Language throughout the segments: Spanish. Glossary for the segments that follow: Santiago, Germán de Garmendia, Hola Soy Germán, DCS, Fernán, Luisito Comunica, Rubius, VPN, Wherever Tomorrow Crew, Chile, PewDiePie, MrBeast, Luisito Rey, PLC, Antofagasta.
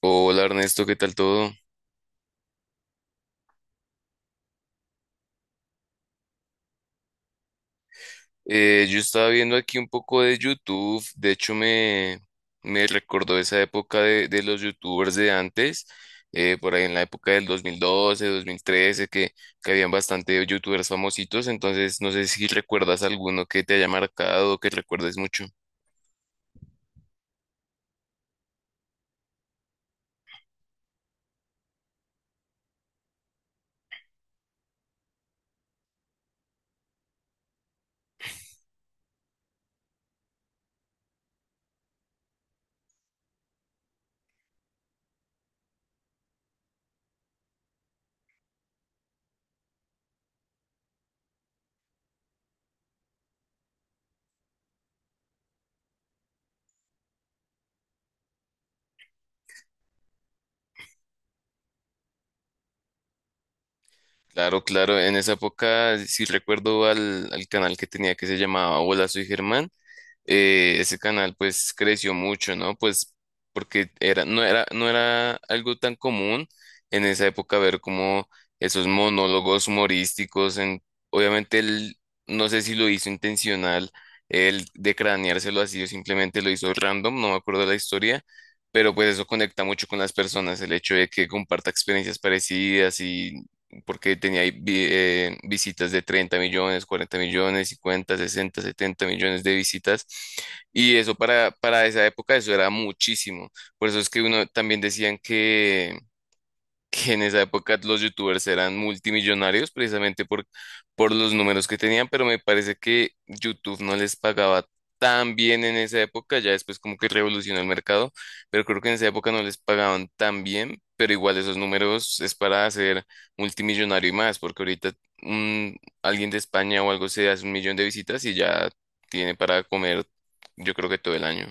Hola Ernesto, ¿qué tal todo? Yo estaba viendo aquí un poco de YouTube, de hecho me recordó esa época de los YouTubers de antes, por ahí en la época del 2012, 2013, que habían bastante YouTubers famositos, entonces no sé si recuerdas alguno que te haya marcado o que recuerdes mucho. Claro, claro, en esa época sí recuerdo al canal que tenía que se llamaba Hola Soy Germán. Ese canal pues creció mucho, ¿no? Pues porque no era algo tan común en esa época ver como esos monólogos humorísticos en, obviamente él, no sé si lo hizo intencional, él de craneárselo así o simplemente lo hizo random, no me acuerdo la historia, pero pues eso conecta mucho con las personas, el hecho de que comparta experiencias parecidas y porque tenía ahí visitas de 30 millones, 40 millones, 50, 60, 70 millones de visitas. Y eso para esa época, eso era muchísimo. Por eso es que uno también decían que en esa época los youtubers eran multimillonarios precisamente por los números que tenían, pero me parece que YouTube no les pagaba tan bien en esa época, ya después como que revolucionó el mercado, pero creo que en esa época no les pagaban tan bien, pero igual esos números es para hacer multimillonario y más, porque ahorita un- alguien de España o algo se hace un millón de visitas y ya tiene para comer. Yo creo que todo el año.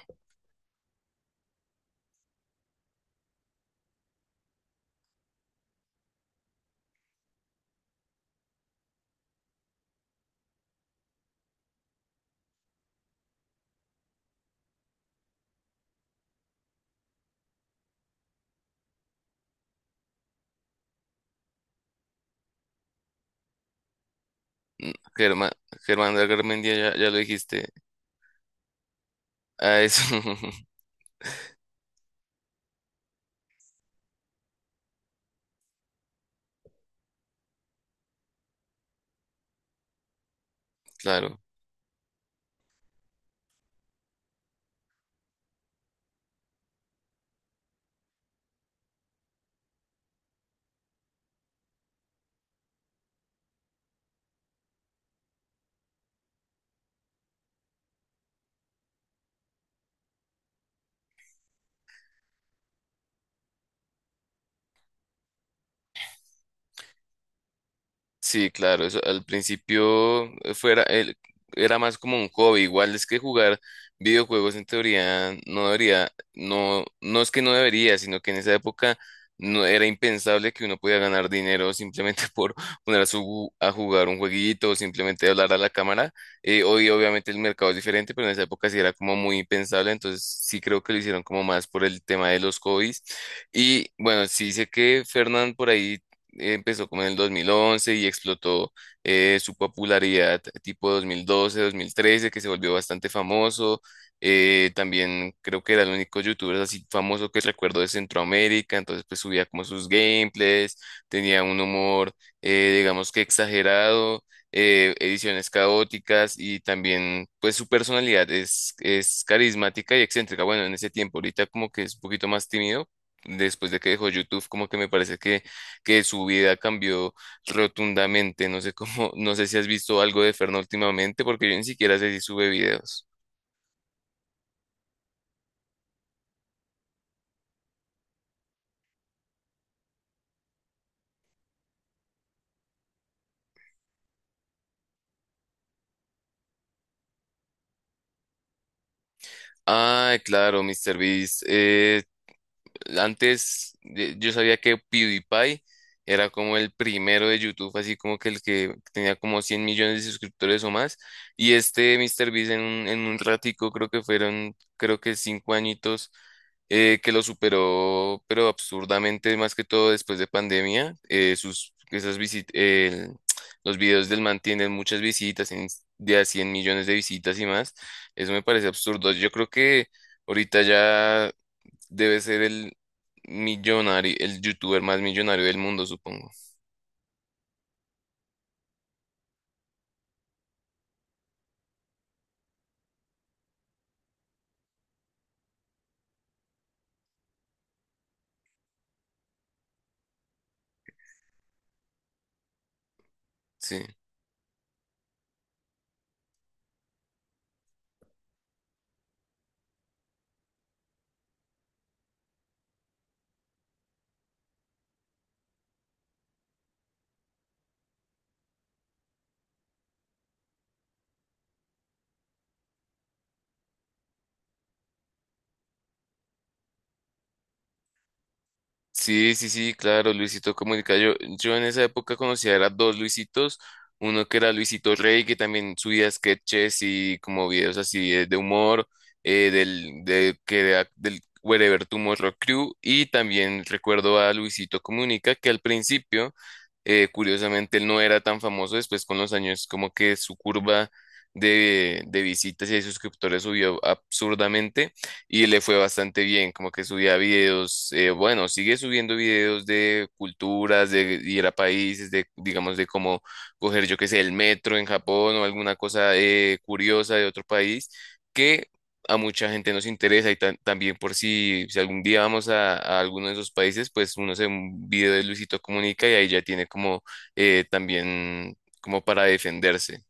Mm, Germán, Germán de Garmendia, ya, ya lo dijiste. A eso, claro. Sí, claro, eso al principio era más como un hobby, igual es que jugar videojuegos en teoría no debería, no, no es que no debería, sino que en esa época no era impensable que uno pudiera ganar dinero simplemente por poner a jugar un jueguito o simplemente hablar a la cámara. Hoy obviamente el mercado es diferente, pero en esa época sí era como muy impensable, entonces sí creo que lo hicieron como más por el tema de los hobbies. Y bueno, sí sé que Fernán por ahí empezó como en el 2011 y explotó su popularidad tipo 2012, 2013, que se volvió bastante famoso. También creo que era el único youtuber así famoso que recuerdo de Centroamérica, entonces pues subía como sus gameplays, tenía un humor digamos que exagerado, ediciones caóticas y también pues su personalidad es carismática y excéntrica. Bueno, en ese tiempo ahorita como que es un poquito más tímido, después de que dejó YouTube como que me parece que su vida cambió rotundamente. No sé cómo, no sé si has visto algo de Ferno últimamente, porque yo ni siquiera sé si sube videos. Ah, claro, MrBeast. Beast Antes yo sabía que PewDiePie era como el primero de YouTube, así como que el que tenía como 100 millones de suscriptores o más. Y este MrBeast en un ratico, creo que fueron, creo que cinco añitos, que lo superó, pero absurdamente, más que todo después de pandemia. Sus, esas visit- el- Los videos del man tienen muchas visitas, de a 100 millones de visitas y más. Eso me parece absurdo. Yo creo que... Ahorita ya debe ser el millonario, el youtuber más millonario del mundo, supongo. Sí. Sí, sí, sí, claro, Luisito Comunica. Yo en esa época conocía era dos Luisitos, uno que era Luisito Rey, que también subía sketches y como videos así de humor, que era del Wherever Tomorrow Crew, y también recuerdo a Luisito Comunica, que al principio, curiosamente, él no era tan famoso, después con los años como que su curva de visitas y de suscriptores subió absurdamente y le fue bastante bien, como que subía videos, bueno, sigue subiendo videos de culturas, de ir a países, de, digamos, de cómo coger, yo qué sé, el metro en Japón o alguna cosa curiosa de otro país, que a mucha gente nos interesa y también por si, si algún día vamos a alguno de esos países, pues uno se ve un video de Luisito Comunica y ahí ya tiene como también como para defenderse.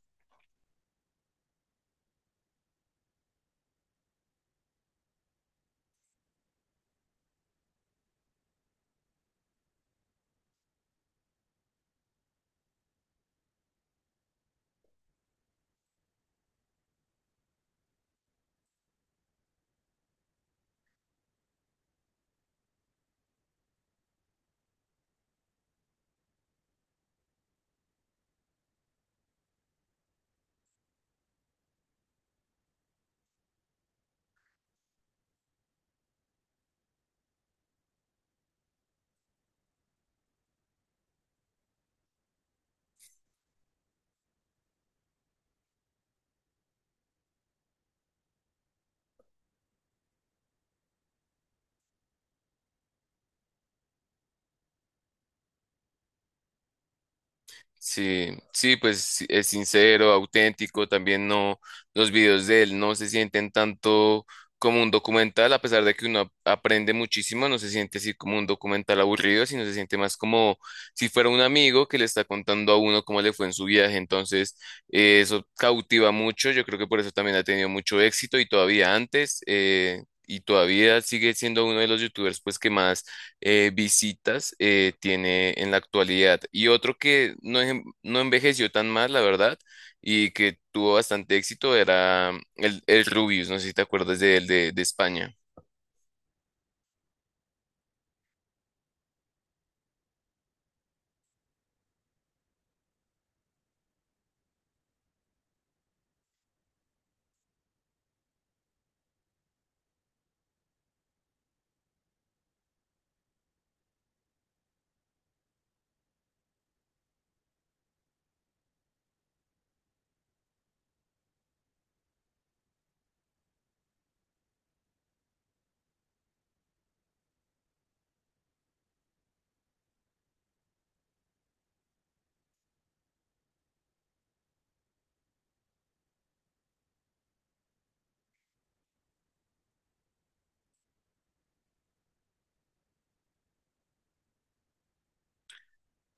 Sí, sí, pues sí, es sincero, auténtico, también no, los videos de él no se sienten tanto como un documental, a pesar de que uno aprende muchísimo, no se siente así como un documental aburrido, sino se siente más como si fuera un amigo que le está contando a uno cómo le fue en su viaje, entonces eso cautiva mucho, yo creo que por eso también ha tenido mucho éxito y todavía antes, y todavía sigue siendo uno de los youtubers pues que más visitas tiene en la actualidad. Y otro que no, no envejeció tan mal, la verdad, y que tuvo bastante éxito era mm, el Rubius, no sé si te acuerdas de él, de España.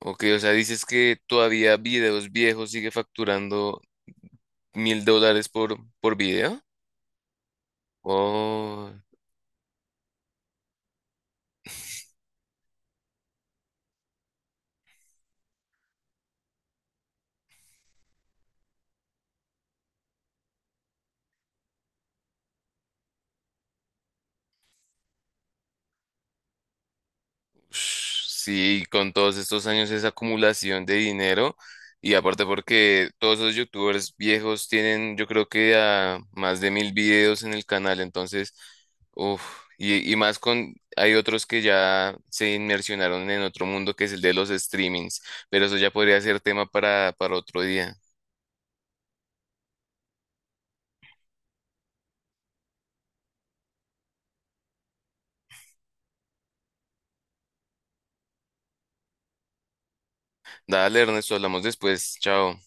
Ok, o sea, dices que todavía videos viejos sigue facturando $1000 por video. Oh, sí, con todos estos años esa acumulación de dinero y aparte porque todos esos youtubers viejos tienen yo creo que a más de 1000 videos en el canal, entonces, uf, y más con, hay otros que ya se inmersionaron en otro mundo que es el de los streamings, pero eso ya podría ser tema para otro día. Dale, Ernesto, hablamos después, chao.